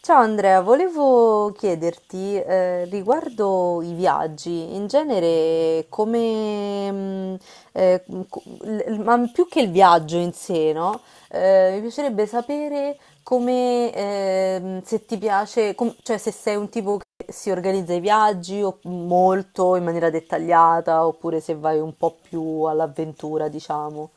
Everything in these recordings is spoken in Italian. Ciao Andrea, volevo chiederti riguardo i viaggi, in genere come, eh, ma più che il viaggio in sé, no? Mi piacerebbe sapere come, se ti piace, cioè se sei un tipo che si organizza i viaggi o molto in maniera dettagliata oppure se vai un po' più all'avventura, diciamo.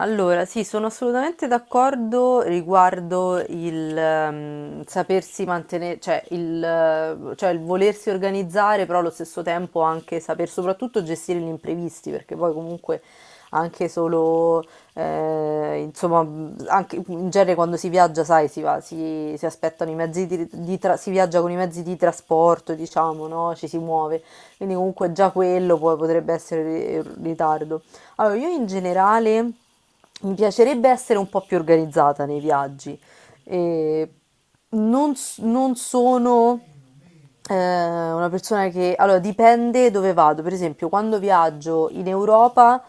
Allora, sì, sono assolutamente d'accordo riguardo il sapersi mantenere, cioè cioè il volersi organizzare, però allo stesso tempo anche saper soprattutto gestire gli imprevisti, perché poi comunque anche solo, insomma, anche in genere quando si viaggia, sai, si va, si aspettano i mezzi si viaggia con i mezzi di trasporto, diciamo, no? Ci si muove, quindi comunque già quello poi potrebbe essere in ritardo. Allora, io in generale mi piacerebbe essere un po' più organizzata nei viaggi. E non sono una persona che... Allora, dipende dove vado. Per esempio, quando viaggio in Europa,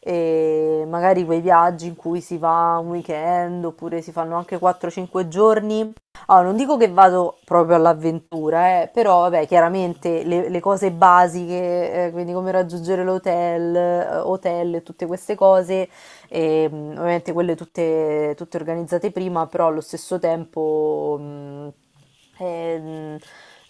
magari quei viaggi in cui si va un weekend oppure si fanno anche 4-5 giorni, allora, non dico che vado proprio all'avventura, però vabbè, chiaramente le cose basiche, quindi come raggiungere l'hotel, e tutte queste cose, ovviamente quelle tutte organizzate prima, però allo stesso tempo, ehm,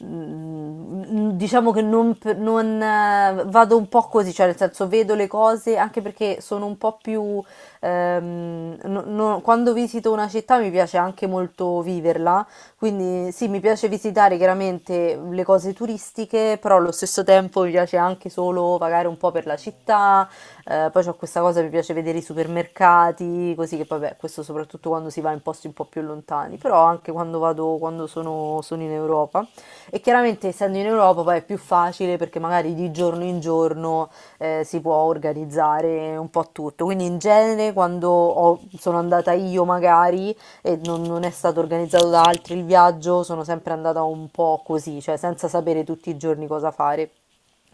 diciamo che non, p- non, vado un po' così, cioè nel senso vedo le cose anche perché sono un po' più... Quando visito una città mi piace anche molto viverla, quindi sì, mi piace visitare chiaramente le cose turistiche, però allo stesso tempo mi piace anche solo vagare un po' per la città. Poi c'ho questa cosa, mi piace vedere i supermercati, così che vabbè, questo soprattutto quando si va in posti un po' più lontani, però anche quando vado, quando sono in Europa. E chiaramente essendo in Europa poi è più facile perché magari di giorno in giorno si può organizzare un po' tutto. Quindi in genere quando sono andata io magari e non è stato organizzato da altri il viaggio, sono sempre andata un po' così, cioè senza sapere tutti i giorni cosa fare.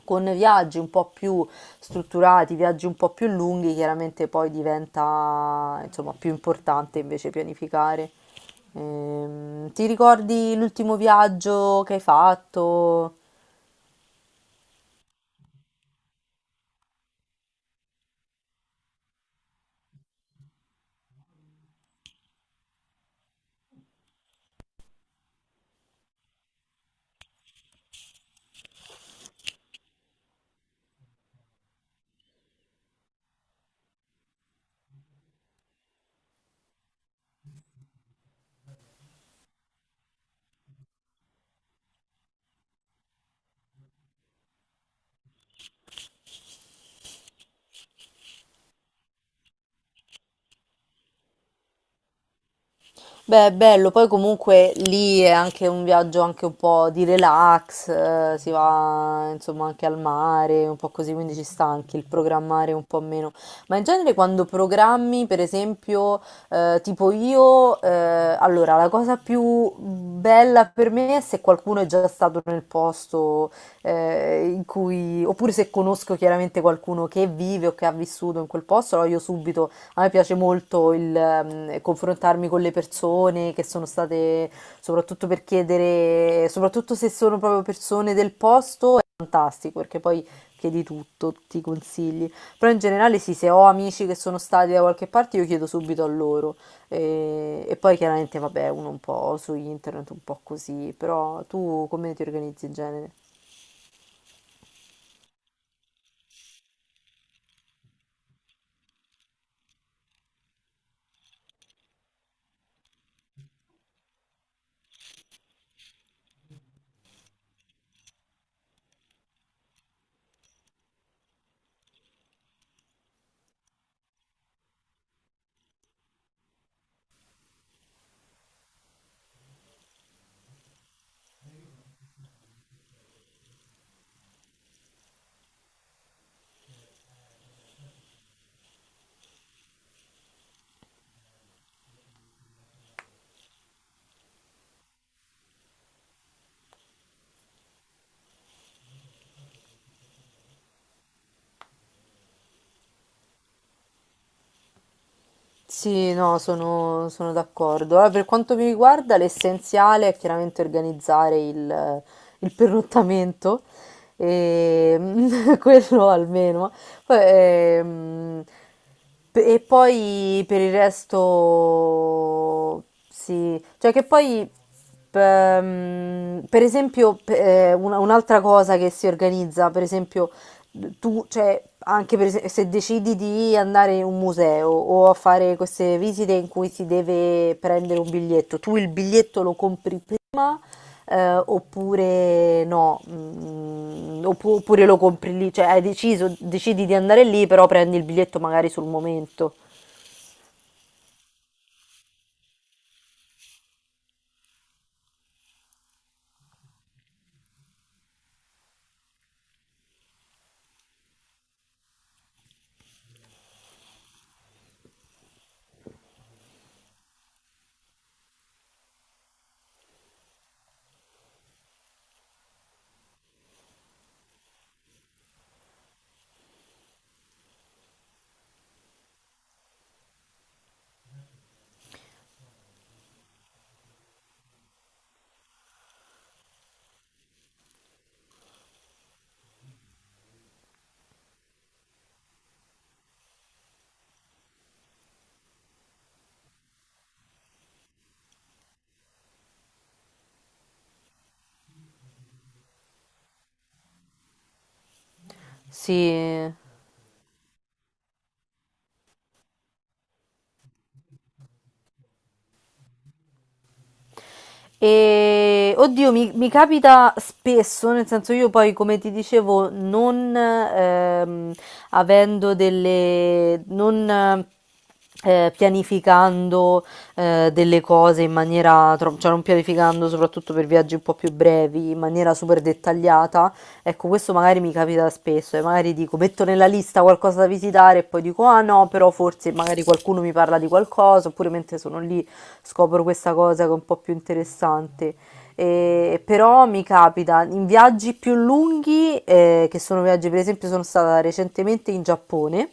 Con viaggi un po' più strutturati, viaggi un po' più lunghi, chiaramente poi diventa insomma più importante invece pianificare. Ti ricordi l'ultimo viaggio che hai fatto? Beh, è bello, poi comunque lì è anche un viaggio anche un po' di relax, si va insomma anche al mare, un po' così, quindi ci sta anche il programmare un po' meno. Ma in genere quando programmi, per esempio, tipo io, allora la cosa più bella per me è se qualcuno è già stato nel posto in cui, oppure se conosco chiaramente qualcuno che vive o che ha vissuto in quel posto, allora io subito a me piace molto il confrontarmi con le persone che sono state, soprattutto per chiedere, soprattutto se sono proprio persone del posto, è fantastico perché poi chiedi tutto, ti consigli. Però in generale sì, se ho amici che sono stati da qualche parte, io chiedo subito a loro. E poi chiaramente, vabbè, uno un po' su internet, un po' così. Però tu come ti organizzi in genere? Sì, no, sono d'accordo. Allora, per quanto mi riguarda, l'essenziale è chiaramente organizzare il pernottamento, e, quello almeno. Poi, e poi per il resto, sì, cioè che poi, per esempio, un'altra cosa che si organizza, per esempio tu, cioè, anche se decidi di andare in un museo o a fare queste visite in cui si deve prendere un biglietto, tu il biglietto lo compri prima, oppure no. Oppure lo compri lì, cioè hai deciso, decidi di andare lì, però prendi il biglietto magari sul momento. Sì. E oddio, mi capita spesso, nel senso io poi, come ti dicevo, non avendo delle, non pianificando delle cose in maniera, cioè non pianificando soprattutto per viaggi un po' più brevi, in maniera super dettagliata, ecco, questo magari mi capita spesso e magari dico, metto nella lista qualcosa da visitare e poi dico, ah no, però forse magari qualcuno mi parla di qualcosa, oppure mentre sono lì scopro questa cosa che è un po' più interessante. Però mi capita in viaggi più lunghi, che sono viaggi, per esempio, sono stata recentemente in Giappone.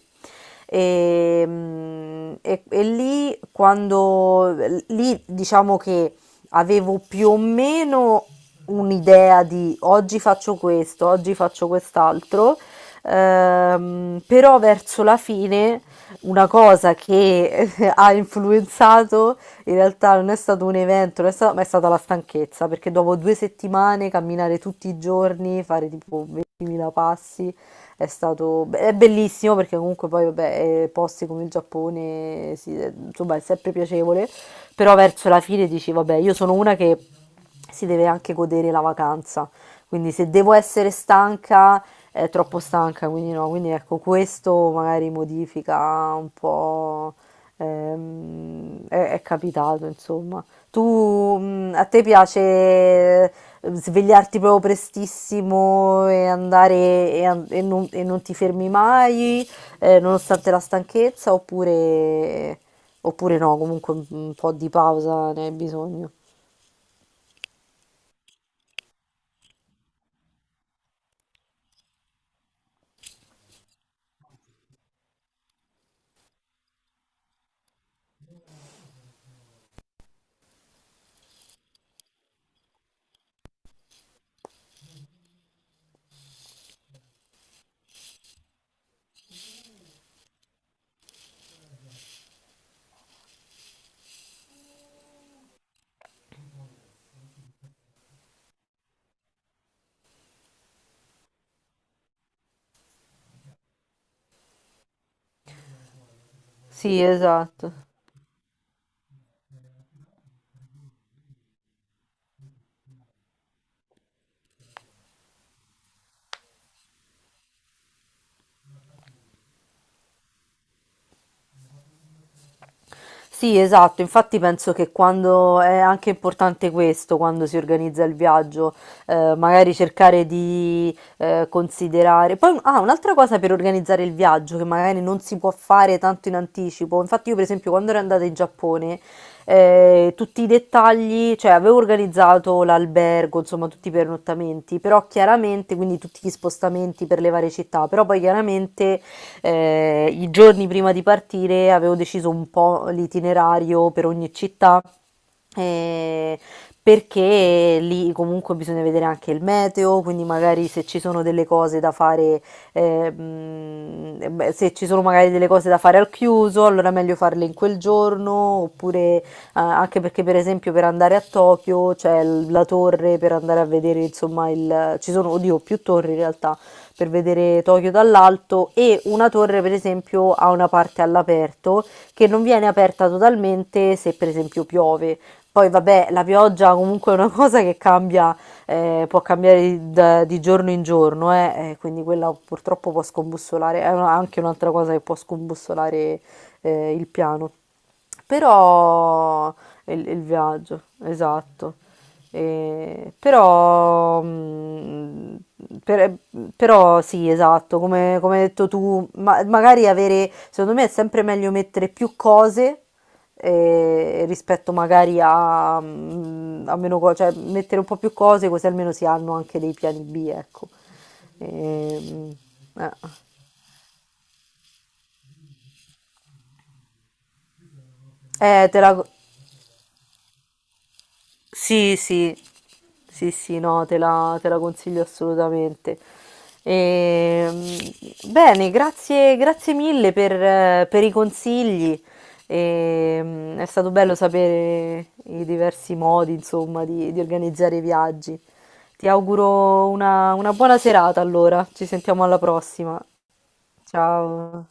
E lì, quando lì diciamo che avevo più o meno un'idea di oggi faccio questo, oggi faccio quest'altro, però verso la fine una cosa che ha influenzato in realtà non è stato un evento, non è stato- ma è stata la stanchezza, perché dopo due settimane camminare tutti i giorni, fare tipo 20.000 passi, è stato è bellissimo perché comunque poi vabbè, posti come il Giappone, sì, insomma, è sempre piacevole, però verso la fine dici, vabbè, io sono una che si deve anche godere la vacanza, quindi se devo essere stanca è troppo stanca, quindi no, quindi ecco, questo magari modifica un po'. È capitato, insomma. Tu, a te piace svegliarti proprio prestissimo e andare e non ti fermi mai, nonostante la stanchezza, oppure no, comunque un po' di pausa ne hai bisogno. Sì, esatto. Sì, esatto, infatti penso che quando è anche importante questo, quando si organizza il viaggio, magari cercare di considerare. Poi, ah, un'altra cosa per organizzare il viaggio che magari non si può fare tanto in anticipo. Infatti, io per esempio quando ero andata in Giappone, tutti i dettagli, cioè avevo organizzato l'albergo, insomma tutti i pernottamenti, però chiaramente, quindi tutti gli spostamenti per le varie città, però poi chiaramente i giorni prima di partire avevo deciso un po' l'itinerario per ogni città eh, perché lì comunque bisogna vedere anche il meteo, quindi magari se ci sono delle cose da fare, beh, se ci sono magari delle cose da fare al chiuso, allora è meglio farle in quel giorno, oppure anche perché per esempio per andare a Tokyo c'è la torre per andare a vedere, insomma, ci sono, oddio, più torri in realtà per vedere Tokyo dall'alto, e una torre per esempio ha una parte all'aperto che non viene aperta totalmente se per esempio piove. Poi vabbè, la pioggia comunque è una cosa che cambia, può cambiare di giorno in giorno, quindi quella purtroppo può scombussolare, anche un'altra cosa che può scombussolare il piano. Però il viaggio, esatto. Però, per- però sì, esatto, come hai detto tu, magari avere, secondo me è sempre meglio mettere più cose rispetto magari a meno cose, cioè mettere un po' più cose così almeno si hanno anche dei piani B, ecco. Ehm, eh. Eh, te la, Sì, sì, sì, sì, no, te la consiglio assolutamente. Ehm, bene, grazie mille per i consigli. È stato bello sapere i diversi modi, insomma, di organizzare i viaggi. Ti auguro una buona serata allora, ci sentiamo alla prossima. Ciao.